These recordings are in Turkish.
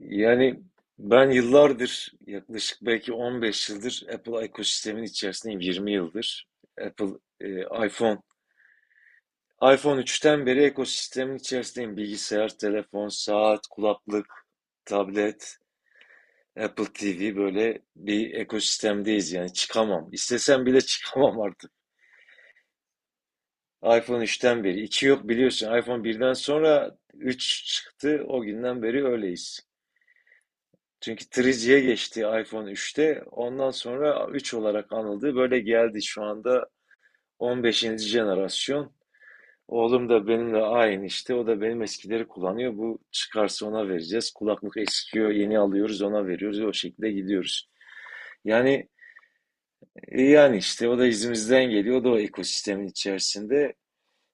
Yani ben yıllardır yaklaşık belki 15 yıldır Apple ekosistemin içerisindeyim 20 yıldır. Apple e, iPhone iPhone 3'ten beri ekosistemin içerisindeyim. Bilgisayar, telefon, saat, kulaklık, tablet, Apple TV böyle bir ekosistemdeyiz yani çıkamam. İstesem bile çıkamam artık. iPhone 3'ten beri. İki yok biliyorsun. iPhone 1'den sonra 3 çıktı. O günden beri öyleyiz. Çünkü 3G'ye geçti iPhone 3'te. Ondan sonra 3 olarak anıldı. Böyle geldi şu anda 15. jenerasyon. Oğlum da benimle aynı işte. O da benim eskileri kullanıyor. Bu çıkarsa ona vereceğiz. Kulaklık eskiyor, yeni alıyoruz, ona veriyoruz. O şekilde gidiyoruz. Yani yani işte o da izimizden geliyor. O da o ekosistemin içerisinde.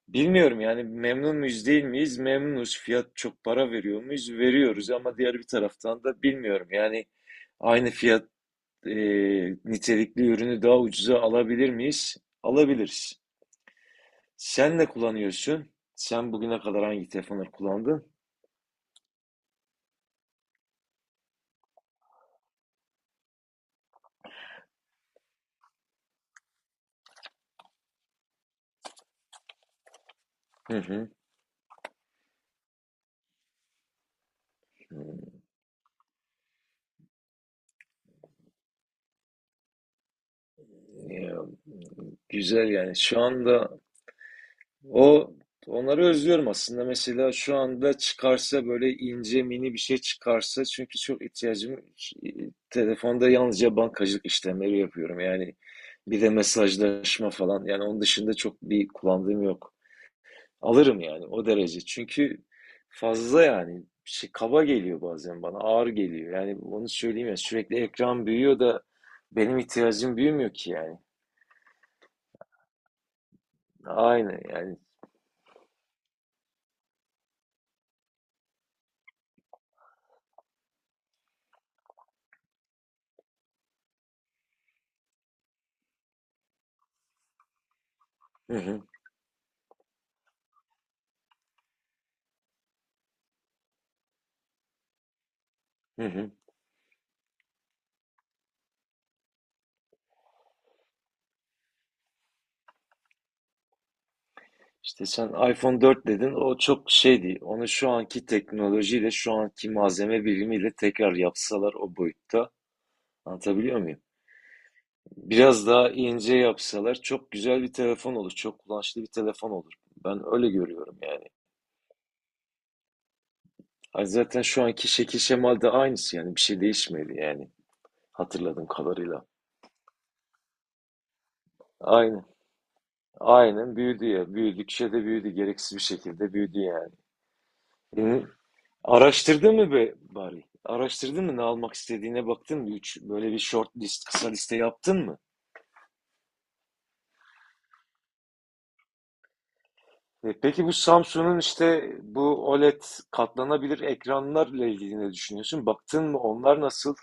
Bilmiyorum yani memnun muyuz değil miyiz? Memnunuz. Fiyat çok para veriyor muyuz? Veriyoruz ama diğer bir taraftan da bilmiyorum. Yani aynı fiyat e, nitelikli ürünü daha ucuza alabilir miyiz? Alabiliriz. Sen ne kullanıyorsun? Sen bugüne kadar hangi telefonları kullandın? Hı hı. Ya, güzel yani. Şu anda o onları özlüyorum aslında. Mesela şu anda çıkarsa böyle ince mini bir şey çıkarsa çünkü çok ihtiyacım telefonda yalnızca bankacılık işlemleri yapıyorum. Yani bir de mesajlaşma falan. Yani onun dışında çok bir kullandığım yok. Alırım yani o derece. Çünkü fazla yani şey, kaba geliyor bazen bana, ağır geliyor. Yani onu söyleyeyim ya sürekli ekran büyüyor da benim ihtiyacım büyümüyor ki yani. Aynen yani. Hı hı, hı hı. İşte sen iPhone 4 dedin o çok şeydi. Onu şu anki teknolojiyle şu anki malzeme bilimiyle tekrar yapsalar o boyutta anlatabiliyor muyum? Biraz daha ince yapsalar çok güzel bir telefon olur. Çok kullanışlı bir telefon olur. Ben öyle görüyorum yani. Ay zaten şu anki şekil şemalde aynısı yani bir şey değişmedi yani hatırladığım kadarıyla. Aynen. Aynen büyüdü ya. Büyüdükçe de büyüdü. Gereksiz bir şekilde büyüdü yani. Hı. Araştırdın mı be bari? Araştırdın mı ne almak istediğine baktın mı? Üç, böyle bir short list, kısa liste yaptın mı? Peki bu Samsung'un işte bu OLED katlanabilir ekranlarla ilgili ne düşünüyorsun? Baktın mı onlar nasıl?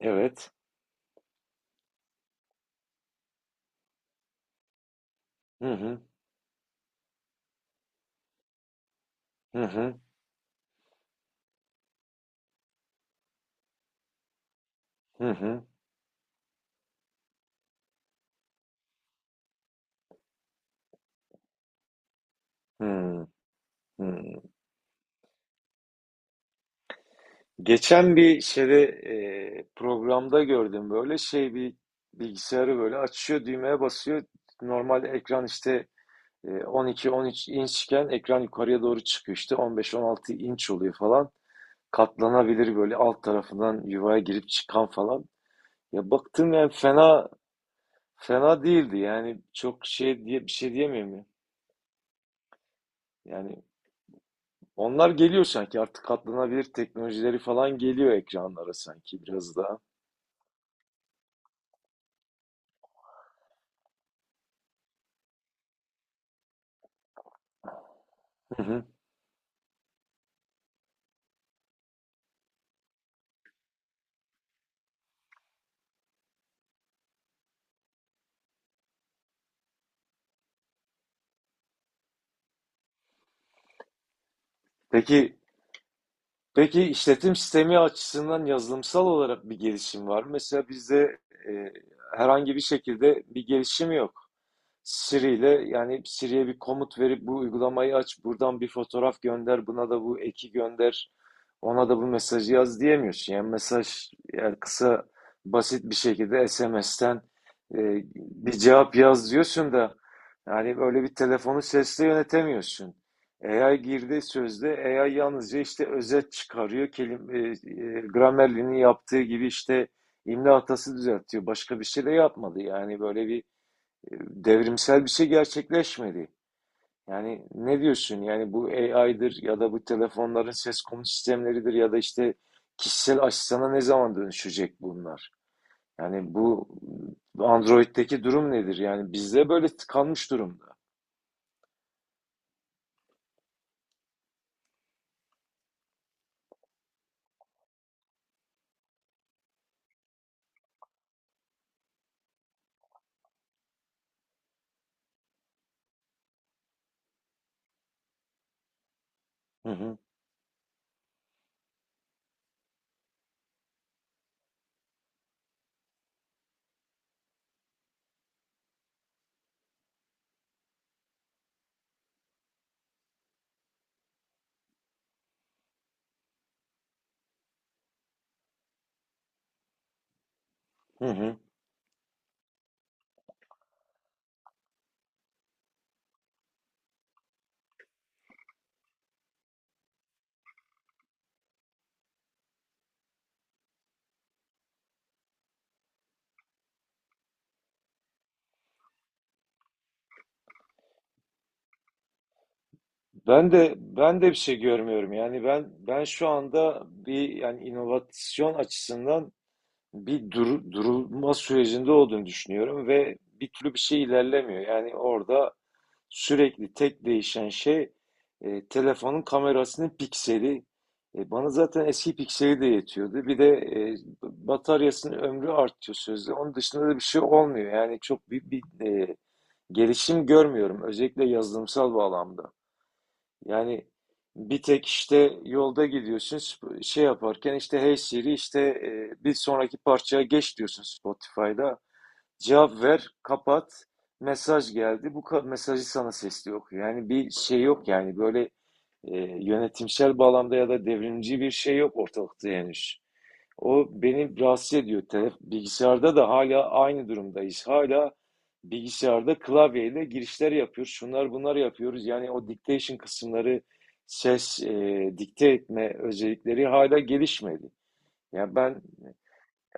Evet. Hı hı. Hı hı. Hı hı. Hı hı. Geçen bir şeyde programda gördüm böyle şey bir bilgisayarı böyle açıyor düğmeye basıyor. Normal ekran işte 12-13 inçken ekran yukarıya doğru çıkıyor işte 15-16 inç oluyor falan. Katlanabilir böyle alt tarafından yuvaya girip çıkan falan. Ya baktım yani fena fena değildi yani çok şey diye bir şey diyemiyorum ya. Yani onlar geliyor sanki artık katlanabilir teknolojileri falan geliyor ekranlara sanki biraz daha. Hı hı. Peki Peki işletim sistemi açısından yazılımsal olarak bir gelişim var mı? Mesela bizde e, herhangi bir şekilde bir gelişim yok. Siri ile yani Siri'ye bir komut verip bu uygulamayı aç, buradan bir fotoğraf gönder, buna da bu eki gönder, ona da bu mesajı yaz diyemiyorsun. Yani mesaj yani kısa basit bir şekilde SMS'ten bir cevap yaz diyorsun da yani böyle bir telefonu sesle yönetemiyorsun. AI girdi sözde AI yalnızca işte özet çıkarıyor. Grammarly'nin yaptığı gibi işte imla hatası düzeltiyor. Başka bir şey de yapmadı. Yani böyle bir devrimsel bir şey gerçekleşmedi. Yani ne diyorsun? Yani bu AI'dır ya da bu telefonların ses komut sistemleridir ya da işte kişisel asistana ne zaman dönüşecek bunlar? Yani bu Android'deki durum nedir? Yani bizde böyle tıkanmış durumda. Hı hı, hı hı. Ben de bir şey görmüyorum. Yani ben şu anda bir yani inovasyon açısından bir durulma sürecinde olduğunu düşünüyorum ve bir türlü bir şey ilerlemiyor. Yani orada sürekli tek değişen şey telefonun kamerasının pikseli. Bana zaten eski pikseli de yetiyordu. Bir de bataryasının ömrü artıyor sözde. Onun dışında da bir şey olmuyor. Yani çok büyük bir gelişim görmüyorum. Özellikle yazılımsal bağlamda. Yani bir tek işte yolda gidiyorsun şey yaparken işte Hey Siri işte bir sonraki parçaya geç diyorsun Spotify'da. Cevap ver, kapat. Mesaj geldi. Bu mesajı sana sesli okuyor. Yani bir şey yok yani böyle yönetimsel bağlamda ya da devrimci bir şey yok ortalıkta henüz. O beni rahatsız ediyor. Bilgisayarda da hala aynı durumdayız. Hala bilgisayarda klavyeyle girişler yapıyoruz. Şunlar bunlar yapıyoruz. Yani o dictation kısımları, ses, dikte etme özellikleri hala gelişmedi. Yani ben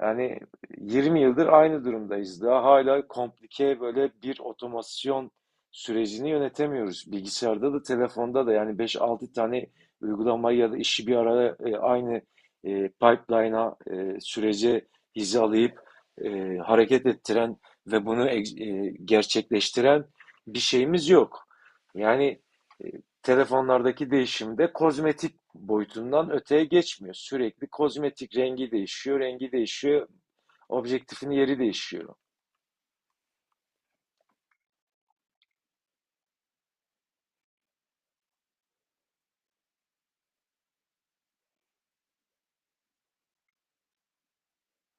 yani 20 yıldır aynı durumdayız. Daha hala komplike böyle bir otomasyon sürecini yönetemiyoruz. Bilgisayarda da telefonda da yani 5-6 tane uygulamayı ya da işi bir araya aynı pipeline'a sürece hizalayıp hareket ettiren ve bunu gerçekleştiren bir şeyimiz yok. Yani e, telefonlardaki değişimde kozmetik boyutundan öteye geçmiyor. Sürekli kozmetik rengi değişiyor, rengi değişiyor, objektifin yeri değişiyor.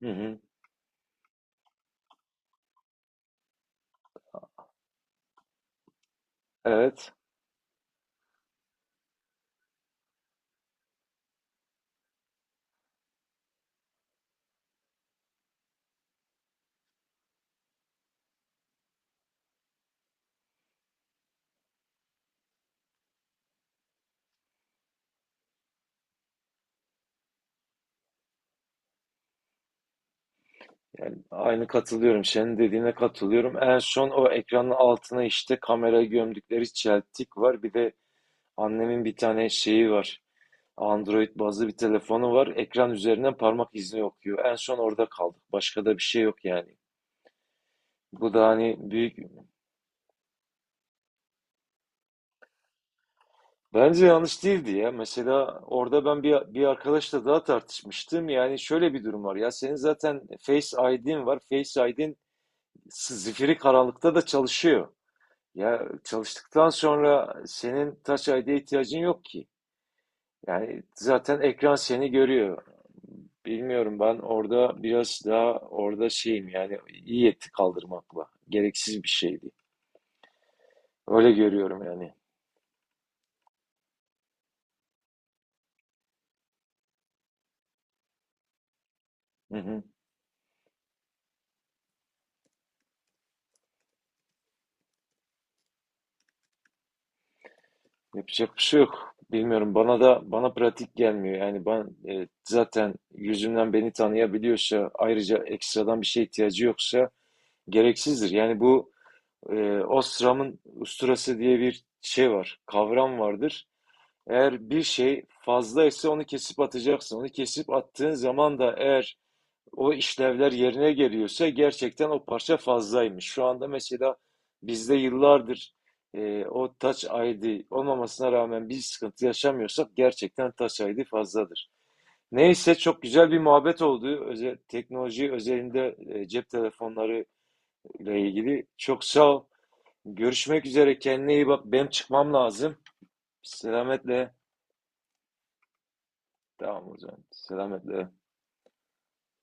Hı hı. Evet, yani aynı katılıyorum. Senin dediğine katılıyorum. En son o ekranın altına işte kamera gömdükleri çeltik var. Bir de annemin bir tane şeyi var. Android bazlı bir telefonu var. Ekran üzerinden parmak izni okuyor. En son orada kaldık. Başka da bir şey yok yani. Bu da hani büyük Bence yanlış değildi ya. Mesela orada ben bir arkadaşla daha tartışmıştım. Yani şöyle bir durum var ya. Senin zaten Face ID'in var. Face ID'in zifiri karanlıkta da çalışıyor. Ya çalıştıktan sonra senin Touch ID'ye ihtiyacın yok ki. Yani zaten ekran seni görüyor. Bilmiyorum ben orada biraz daha orada şeyim yani iyi etti kaldırmakla. Gereksiz bir şeydi. Öyle görüyorum yani. Hı hı. Yapacak bir şey yok. Bilmiyorum bana pratik gelmiyor. Yani ben zaten yüzümden beni tanıyabiliyorsa ayrıca ekstradan bir şeye ihtiyacı yoksa gereksizdir. Yani bu Ostram'ın usturası diye bir şey var, kavram vardır. Eğer bir şey fazlaysa onu kesip atacaksın. Onu kesip attığın zaman da eğer o işlevler yerine geliyorsa gerçekten o parça fazlaymış. Şu anda mesela bizde yıllardır o Touch ID olmamasına rağmen bir sıkıntı yaşamıyorsak gerçekten Touch ID fazladır. Neyse çok güzel bir muhabbet oldu. Özel, teknoloji özelinde cep telefonları ile ilgili. Çok sağ ol. Görüşmek üzere. Kendine iyi bak. Benim çıkmam lazım. Selametle. Tamam hocam. Selametle.